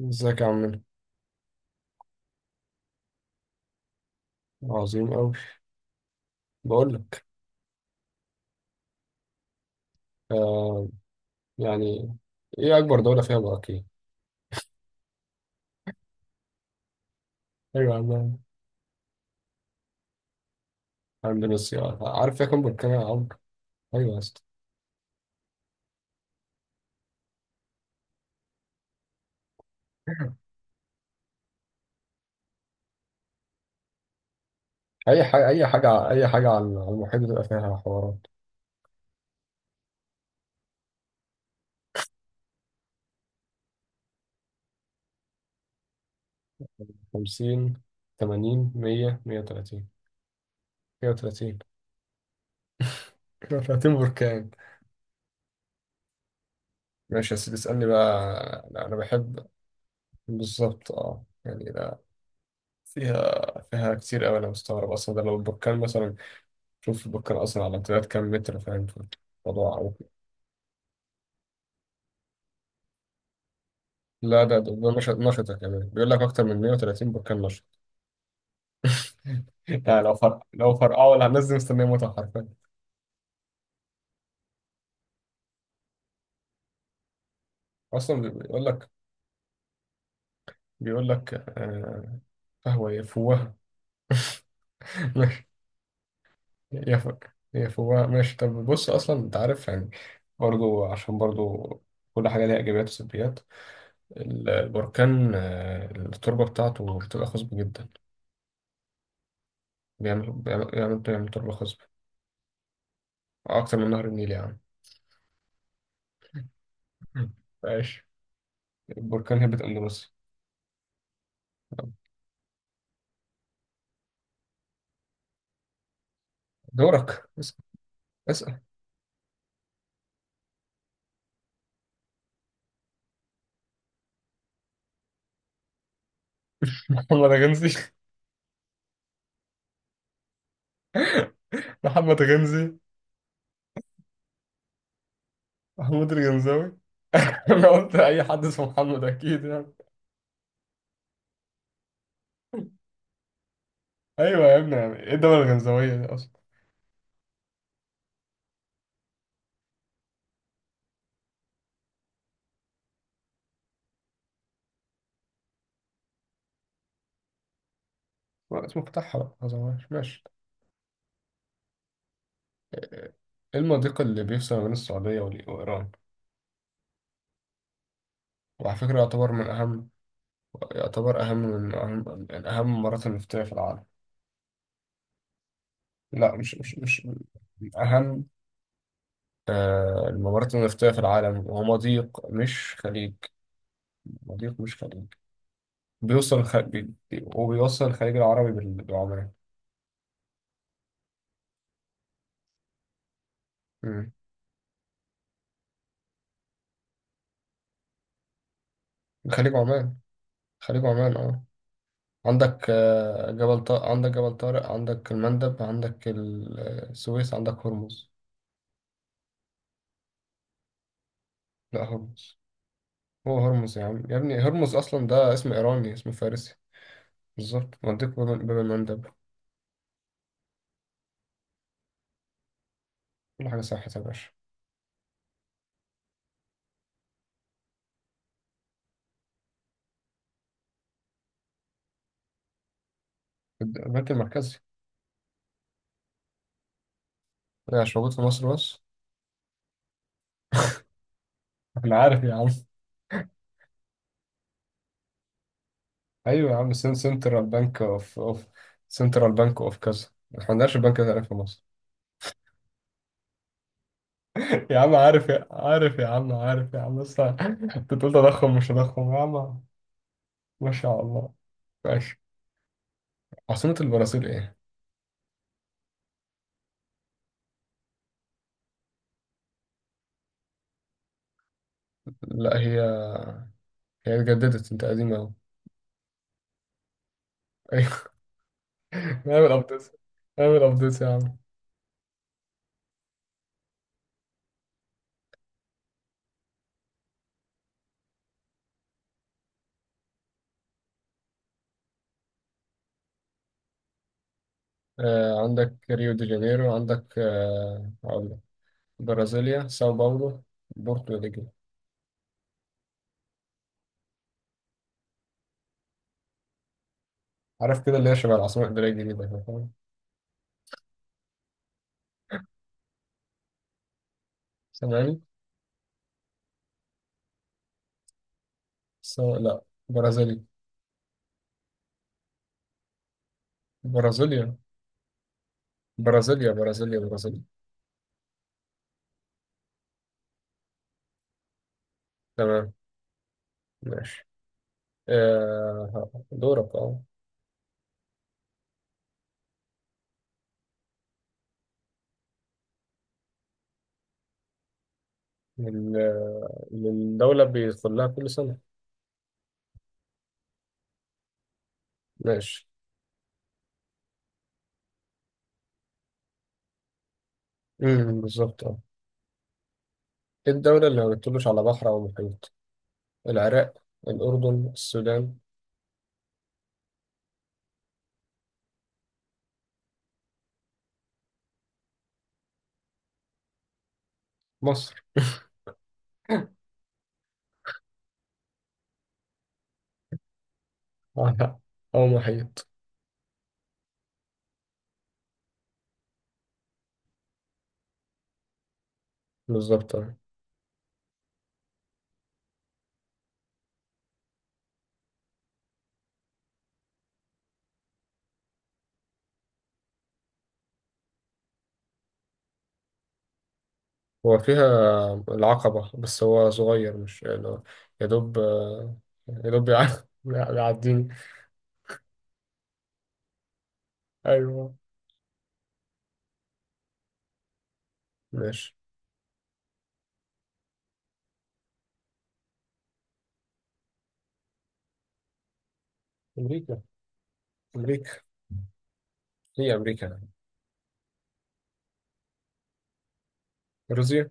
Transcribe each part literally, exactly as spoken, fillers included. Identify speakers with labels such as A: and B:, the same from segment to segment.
A: ازيك يا عمنا. عظيم أوي. بقول لك، آه يعني، إيه أكبر دولة فيها براكين؟ أيوة يا عم، أندونيسيا. عارف فيها كام بركان يا عمرو؟ أيوة يا اسطى. أي حاجة أي حاجة أي حاجة على على المحيط بتبقى فيها حوارات. خمسين، ثمانين، مية، مية وثلاثين مية وثلاثين مية وثلاثين بركان. ماشي يا سيدي، اسألني بقى. لا، أنا بحب بالظبط. أه يعني لا، فيها فيها كتير أوي. أنا مستغرب أصلا، ده لو البركان مثلا شوف بكر أصلا على امتداد كام متر، فاهم في الموضوع أو لا؟ ده ده ده نشط، نشطة كمان، بيقول لك أكتر من مئة وثلاثين بركان نشط. يعني لو فرق، لو فرقعوا ولا هننزل مستنية متعة حرفيا. أصلا بي- بيقول لك، بيقول لك آه، فهو يفوه. ماشي يفك يفوه. ماشي، طب بص أصلا أنت عارف يعني، برضو عشان برضو كل حاجة ليها إيجابيات وسلبيات. ال- البركان، آه، التربة بتاعته بتبقى خصبة جدا. بيعمل بيعمل بيعمل بيعمل تربة خصبة أكتر من نهر النيل يعني. مم. ماشي. البركان هبت أندونيسيا. دورك، اسأل. اسأل. محمد غنزي. محمد غنزي. محمود الغنزاوي. أنا قلت أي حد اسمه محمد أكيد يعني. أيوة يا ابني، يعني إيه الدولة الغنزاوية دي أصلا؟ ما اسمه فتحها بقى، ما ظهرهاش. ماشي. إيه المضيق اللي بيفصل ما بين السعودية وال- وإيران؟ وعلى فكرة يعتبر من أهم، يعتبر أهم من أهم من أهم الممرات النفطية في العالم. لا، مش مش مش من أهم، آه، الممرات النفطية في العالم، وهو مضيق مش خليج. مضيق مش خليج بيوصل الخ... بي... بي- وبيوصل الخليج العربي بال- بعمان. مم. خليج عمان. خليج عمان اه. عندك آه، جبل طارق، عندك جبل طارق عندك المندب، عندك ال- آه، السويس، عندك هرمز. لا، هرمز. هو هرمز يا عم يا ابني، هرمز اصلا ده اسم ايراني، اسم فارسي. بالظبط، مضيق باب باب المندب. كل حاجه صح يا باشا. الد- البنك المركزي. ده مش موجود في مصر بس. انا عارف يا عم. ايوه يا عم، سن سنترال بنك اوف اوف سنترال بنك اوف كذا، ما عندناش البنك ده هناك في مصر. يا عم عارف، يا عارف يا عم عارف يا عم، بس انت بتقول تضخم مش تضخم يا عم. ما شاء الله. ماشي. عاصمة البرازيل ايه؟ لا، هي هي اتجددت، انت قديمة اهو. ايوه. نعمل ابديت نعمل ابديت يا عم. آه عندك ريو دي جانيرو، عندك آه هقول لك، برازيليا، ساو باولو، بورتو ريجو. عارف كده اللي هي شبه العاصمة الإدارية الجديدة كده، فاهم؟ سامعني؟ سو لا، برازيلي، برازيليا برازيليا برازيليا برازيليا. تمام. ماشي. آه دورك اه. لل- للدولة بيدخل لها كل سنة. ماشي. امم بالظبط اه. ايه الدولة اللي ما بتطلش على بحر أو محيط؟ العراق، الأردن، السودان، مصر. آه، أو محيط. بالظبط اه. هو فيها العقبة بس هو صغير، مش يعني هو، يا دوب آه، يا دوب يع- بيعديني. أيوه. ماشي. امريكا امريكا. هي امريكا روسيا.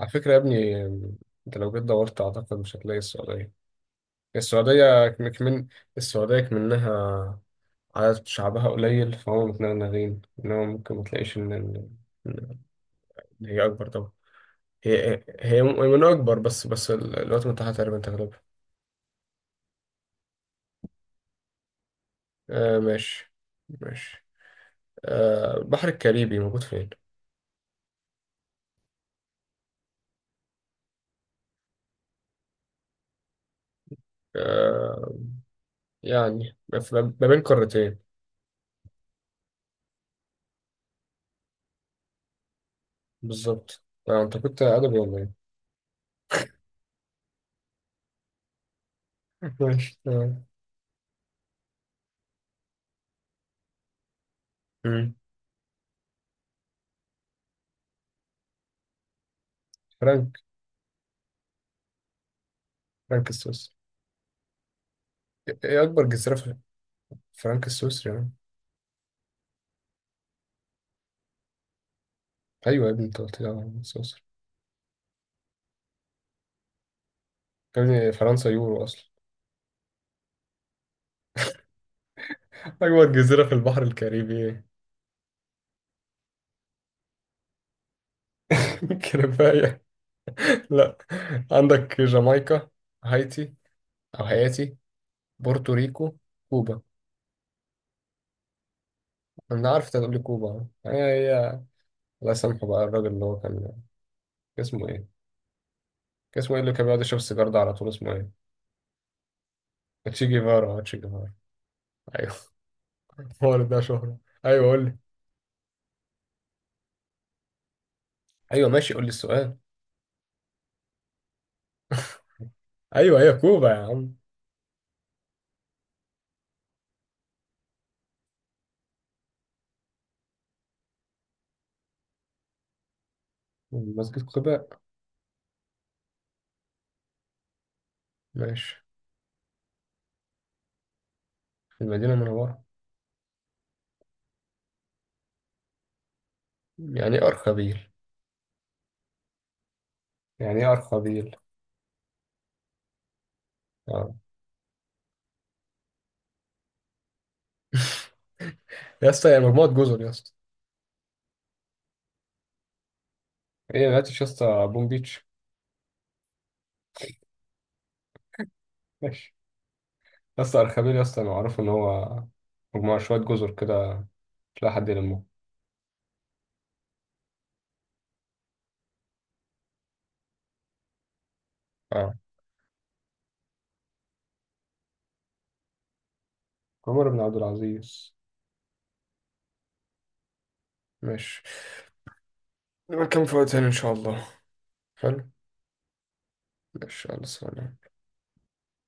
A: على فكره يا ابني، انت لو جيت دورت اعتقد مش هتلاقي السعوديه. السعوديه كمان السعوديه كمنها عدد شعبها قليل، فهم متنغنغين، انما ممكن ما تلاقيش ان، إن- إن هي اكبر طبعا. هي هي من اكبر، بس بس ال- الولايات المتحده تقريبا تغلبها. آه ماشي. ماشي. آه البحر الكاريبي موجود فين؟ آه يعني ما في- ما بين قارتين. بالظبط. آه، انت كنت ادبي ولا ايه؟ ماشي تمام. مم. فرانك فرانك السويسري. ايه اكبر جزيرة في. فرانك السويسري يعني. ايوه يا ابني انت قلت لي على فرانك السويسري. يا ابني فرنسا يورو اصلا. اكبر جزيرة في البحر الكاريبي. كفاية. لا، عندك جامايكا، هايتي او هايتي، بورتوريكو، كوبا. انا عارف انت هتقول لي كوبا. هي هي الله يسامحه بقى الراجل اللي هو كان، اسمه ايه، كان اسمه ايه اللي كان بيقعد يشرب السيجار ده على طول، اسمه ايه؟ تشي جيفارا. تشي جيفارا. ايوه. هو اللي ده شهرة. ايوه قول لي. ايوه ماشي، قول لي السؤال. ايوه هي كوبا يا عم. مسجد قباء. ماشي. في المدينة المنورة. يعني ايه أرخبيل؟ يعني ايه أرخبيل؟ اه. يا اسطى هي مجموعة جزر يا اسطى. ايه ما لقيتش يا اسطى بوم بيتش. ماشي يا اسطى. أرخبيل يا اسطى، أنا معروف إن هو مجموعة شوية جزر كده، مش لاقي حد يلمهم. اه. عمر بن عبد العزيز. ماشي. نبقى نكمل في وقت تاني إن شاء الله. حلو. ماشي يلا سلام.